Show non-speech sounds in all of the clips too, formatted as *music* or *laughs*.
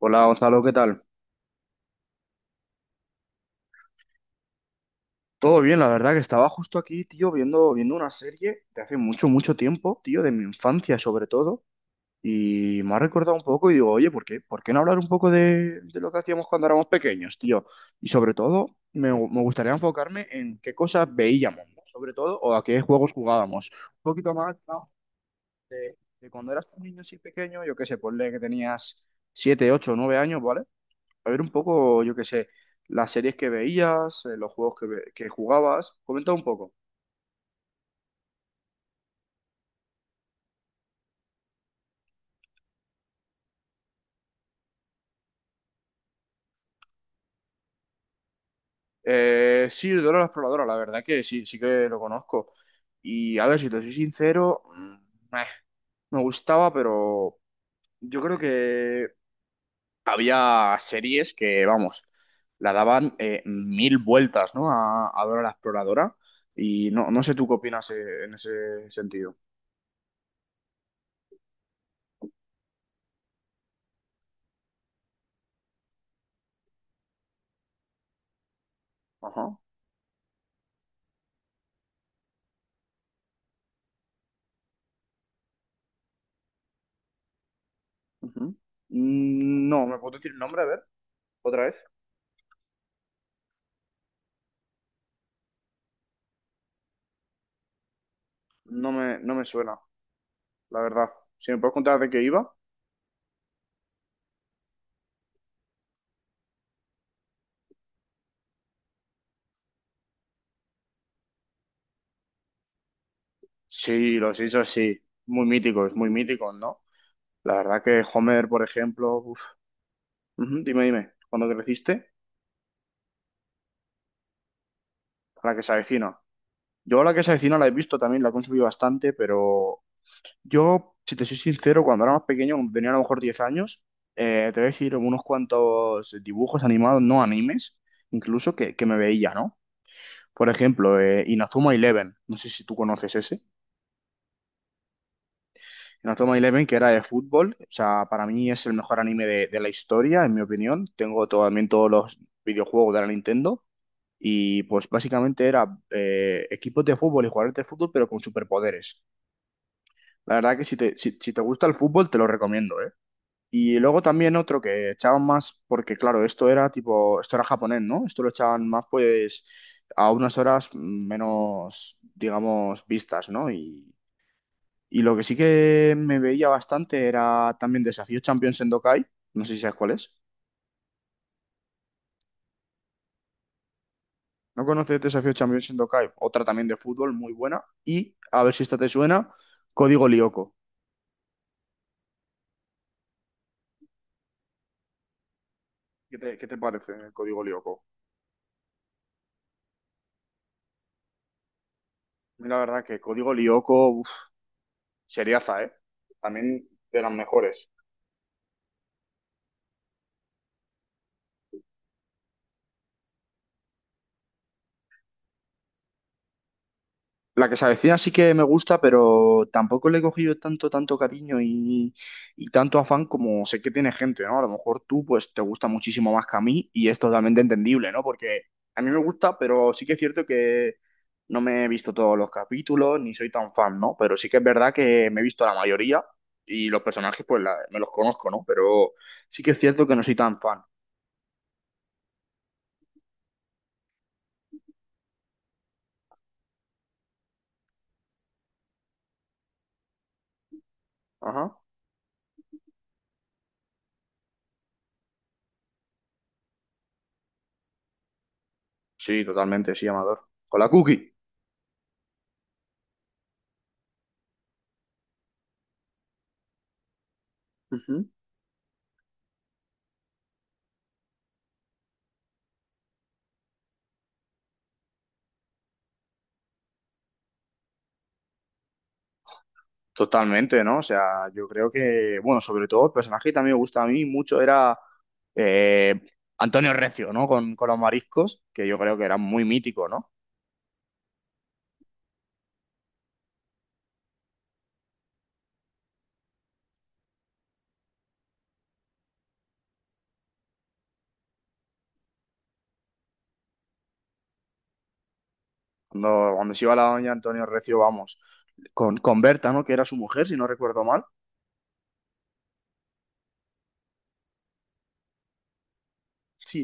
Hola Gonzalo, ¿qué tal? Todo bien, la verdad que estaba justo aquí, tío, viendo una serie de hace mucho, mucho tiempo, tío, de mi infancia sobre todo, y me ha recordado un poco y digo, oye, ¿por qué no hablar un poco de lo que hacíamos cuando éramos pequeños, tío? Y sobre todo, me gustaría enfocarme en qué cosas veíamos, ¿no? Sobre todo, o a qué juegos jugábamos. Un poquito más, ¿no? De cuando eras un niño así pequeño, yo qué sé, ponle que tenías 7, 8, 9 años, ¿vale? A ver un poco, yo qué sé, las series que veías, los juegos que jugabas. Comenta un poco. Sí, Dora la Exploradora, la verdad que sí, sí que lo conozco. Y a ver, si te soy sincero, me gustaba, pero yo creo que había series que, vamos, la daban mil vueltas, ¿no? A Dora la Exploradora. Y no, no sé tú qué opinas en ese sentido. Ajá. Ujú. Mm, no, ¿me puedo decir el nombre? A ver, otra vez. No me suena, la verdad. Si me puedes contar de qué iba. Sí, los hechos sí. Muy míticos, ¿no? La verdad que Homer, por ejemplo. Uf. Ujú, dime, dime. ¿Cuándo creciste? La que se avecina. Yo la que se avecina la he visto también, la he consumido bastante, pero yo, si te soy sincero, cuando era más pequeño, cuando tenía a lo mejor 10 años, te voy a decir unos cuantos dibujos animados, no animes, incluso que me veía, ¿no? Por ejemplo, Inazuma Eleven. No sé si tú conoces ese. Inazuma Eleven, que era de fútbol, o sea, para mí es el mejor anime de la historia, en mi opinión. Tengo también todos los videojuegos de la Nintendo y pues básicamente era equipos de fútbol y jugadores de fútbol, pero con superpoderes. La verdad que si te gusta el fútbol, te lo recomiendo, ¿eh? Y luego también otro que echaban más, porque claro, esto era tipo, esto era japonés, ¿no? Esto lo echaban más pues a unas horas menos, digamos, vistas, ¿no? Y lo que sí que me veía bastante era también Desafío Champions Sendokai. No sé si sabes cuál es. ¿No conoces Desafío Champions Sendokai? Otra también de fútbol, muy buena. Y, a ver si esta te suena, Código Lyoko. Qué te parece el Código Lyoko? A mí la verdad que Código Lyoko, uf, seriaza, ¿eh? También de las mejores. La que se avecina sí que me gusta, pero tampoco le he cogido tanto, tanto cariño y tanto afán como sé que tiene gente, ¿no? A lo mejor tú, pues, te gusta muchísimo más que a mí y es totalmente entendible, ¿no? Porque a mí me gusta, pero sí que es cierto que no me he visto todos los capítulos ni soy tan fan, ¿no? Pero sí que es verdad que me he visto la mayoría y los personajes, pues, me los conozco, ¿no? Pero sí que es cierto que no soy tan fan. Ajá. Sí, totalmente, sí, Amador. Con la cookie. Ujú. Totalmente, ¿no? O sea, yo creo que, bueno, sobre todo el personaje que también me gusta a mí mucho era eh, Antonio Recio, ¿no? Con los mariscos, que yo creo que era muy mítico, ¿no? Cuando se iba la doña Antonio Recio, vamos, con Berta, ¿no? Que era su mujer, si no recuerdo mal. Sí,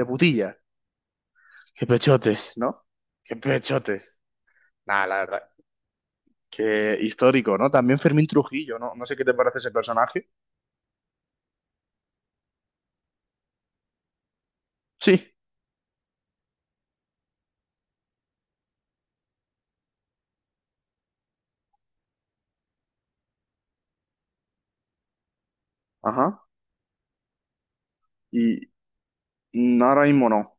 de putilla. Qué pechotes, ¿no? Qué pechotes. Nada, la verdad. Qué histórico, ¿no? También Fermín Trujillo, ¿no? No sé qué te parece ese personaje. Sí. Ajá. Y ahora mismo no.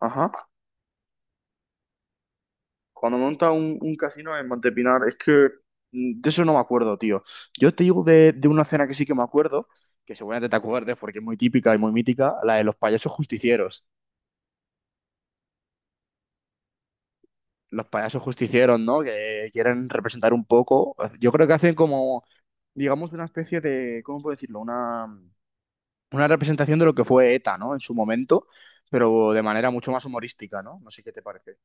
Ajá. Cuando monta un casino en Montepinar, es que de eso no me acuerdo, tío. Yo te digo de una cena que sí que me acuerdo, que seguramente te acuerdes porque es muy típica y muy mítica, la de los payasos justicieros. Los payasos justicieros, ¿no? Que quieren representar un poco. Yo creo que hacen como, digamos, una especie de, ¿cómo puedo decirlo? Una representación de lo que fue ETA, ¿no? En su momento, pero de manera mucho más humorística, ¿no? No sé qué te parece.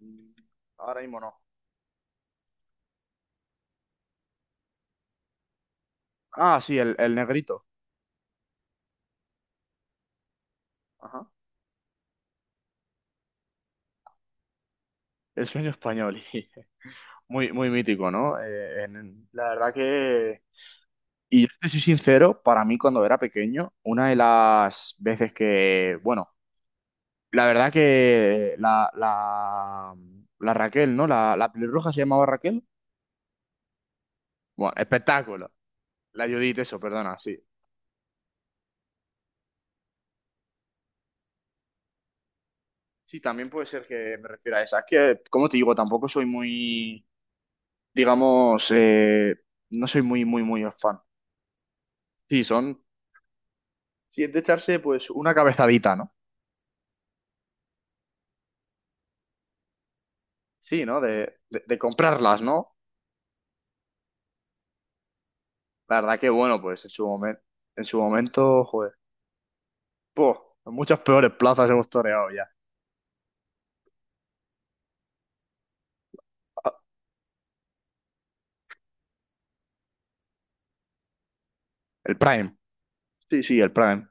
Mm, ahora mismo no. Ah, sí, el negrito. Ajá. El sueño español. *laughs* Muy, muy mítico, ¿no? La verdad que... Y yo te soy sincero, para mí cuando era pequeño, una de las veces que, bueno, la verdad que la Raquel, ¿no? La pelirroja se llamaba Raquel. Bueno, espectáculo. La Judith, eso, perdona, sí. Sí, también puede ser que me refiera a esa. Es que, como te digo, tampoco soy muy, digamos, no soy muy, muy, muy fan. Sí, son, si es de echarse, pues, una cabezadita, ¿no? Sí, ¿no? De comprarlas, ¿no? La verdad que bueno, pues en su momento, joder, po, en muchas peores plazas hemos toreado ya. Ah, el Prime. Sí, sí, el Prime.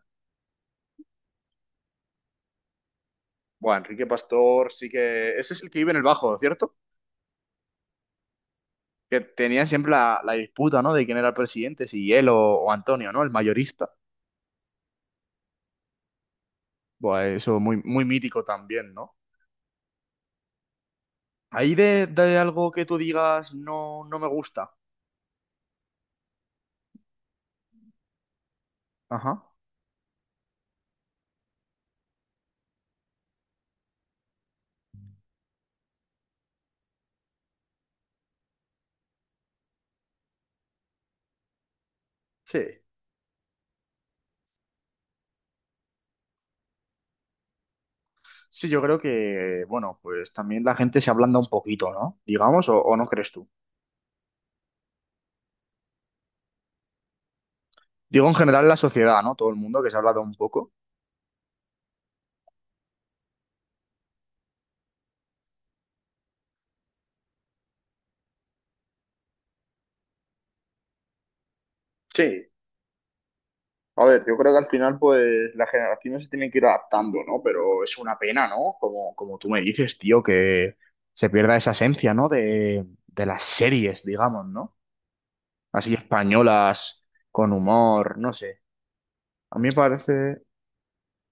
Bueno, Enrique Pastor sí que... Ese es el que vive en el Bajo, ¿cierto? Que tenían siempre la disputa, ¿no? De quién era el presidente, si él o Antonio, ¿no? El mayorista. Bueno, eso muy, muy mítico también, ¿no? Ahí de algo que tú digas no, no me gusta. Ajá. Sí. Sí, yo creo que, bueno, pues también la gente se ablanda un poquito, ¿no? Digamos, o no crees tú? Digo en general la sociedad, ¿no? Todo el mundo que se ha hablado un poco. Sí, a ver, yo creo que al final pues las generaciones se tienen que ir adaptando, ¿no? Pero es una pena, ¿no? Como, como tú me dices, tío, que se pierda esa esencia, ¿no? De las series, digamos, ¿no? Así españolas, con humor, no sé. A mí me parece, a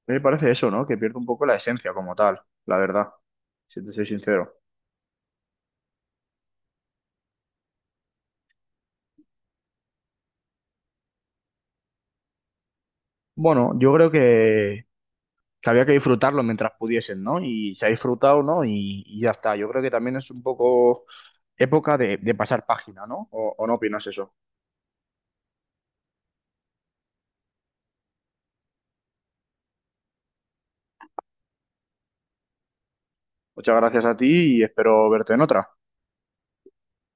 mí me parece eso, ¿no? Que pierde un poco la esencia como tal, la verdad, si te soy sincero. Bueno, yo creo que había que disfrutarlo mientras pudiesen, ¿no? Y se ha disfrutado, ¿no? Y ya está. Yo creo que también es un poco época de pasar página, ¿no? ¿O no opinas eso? Muchas gracias a ti y espero verte en otra.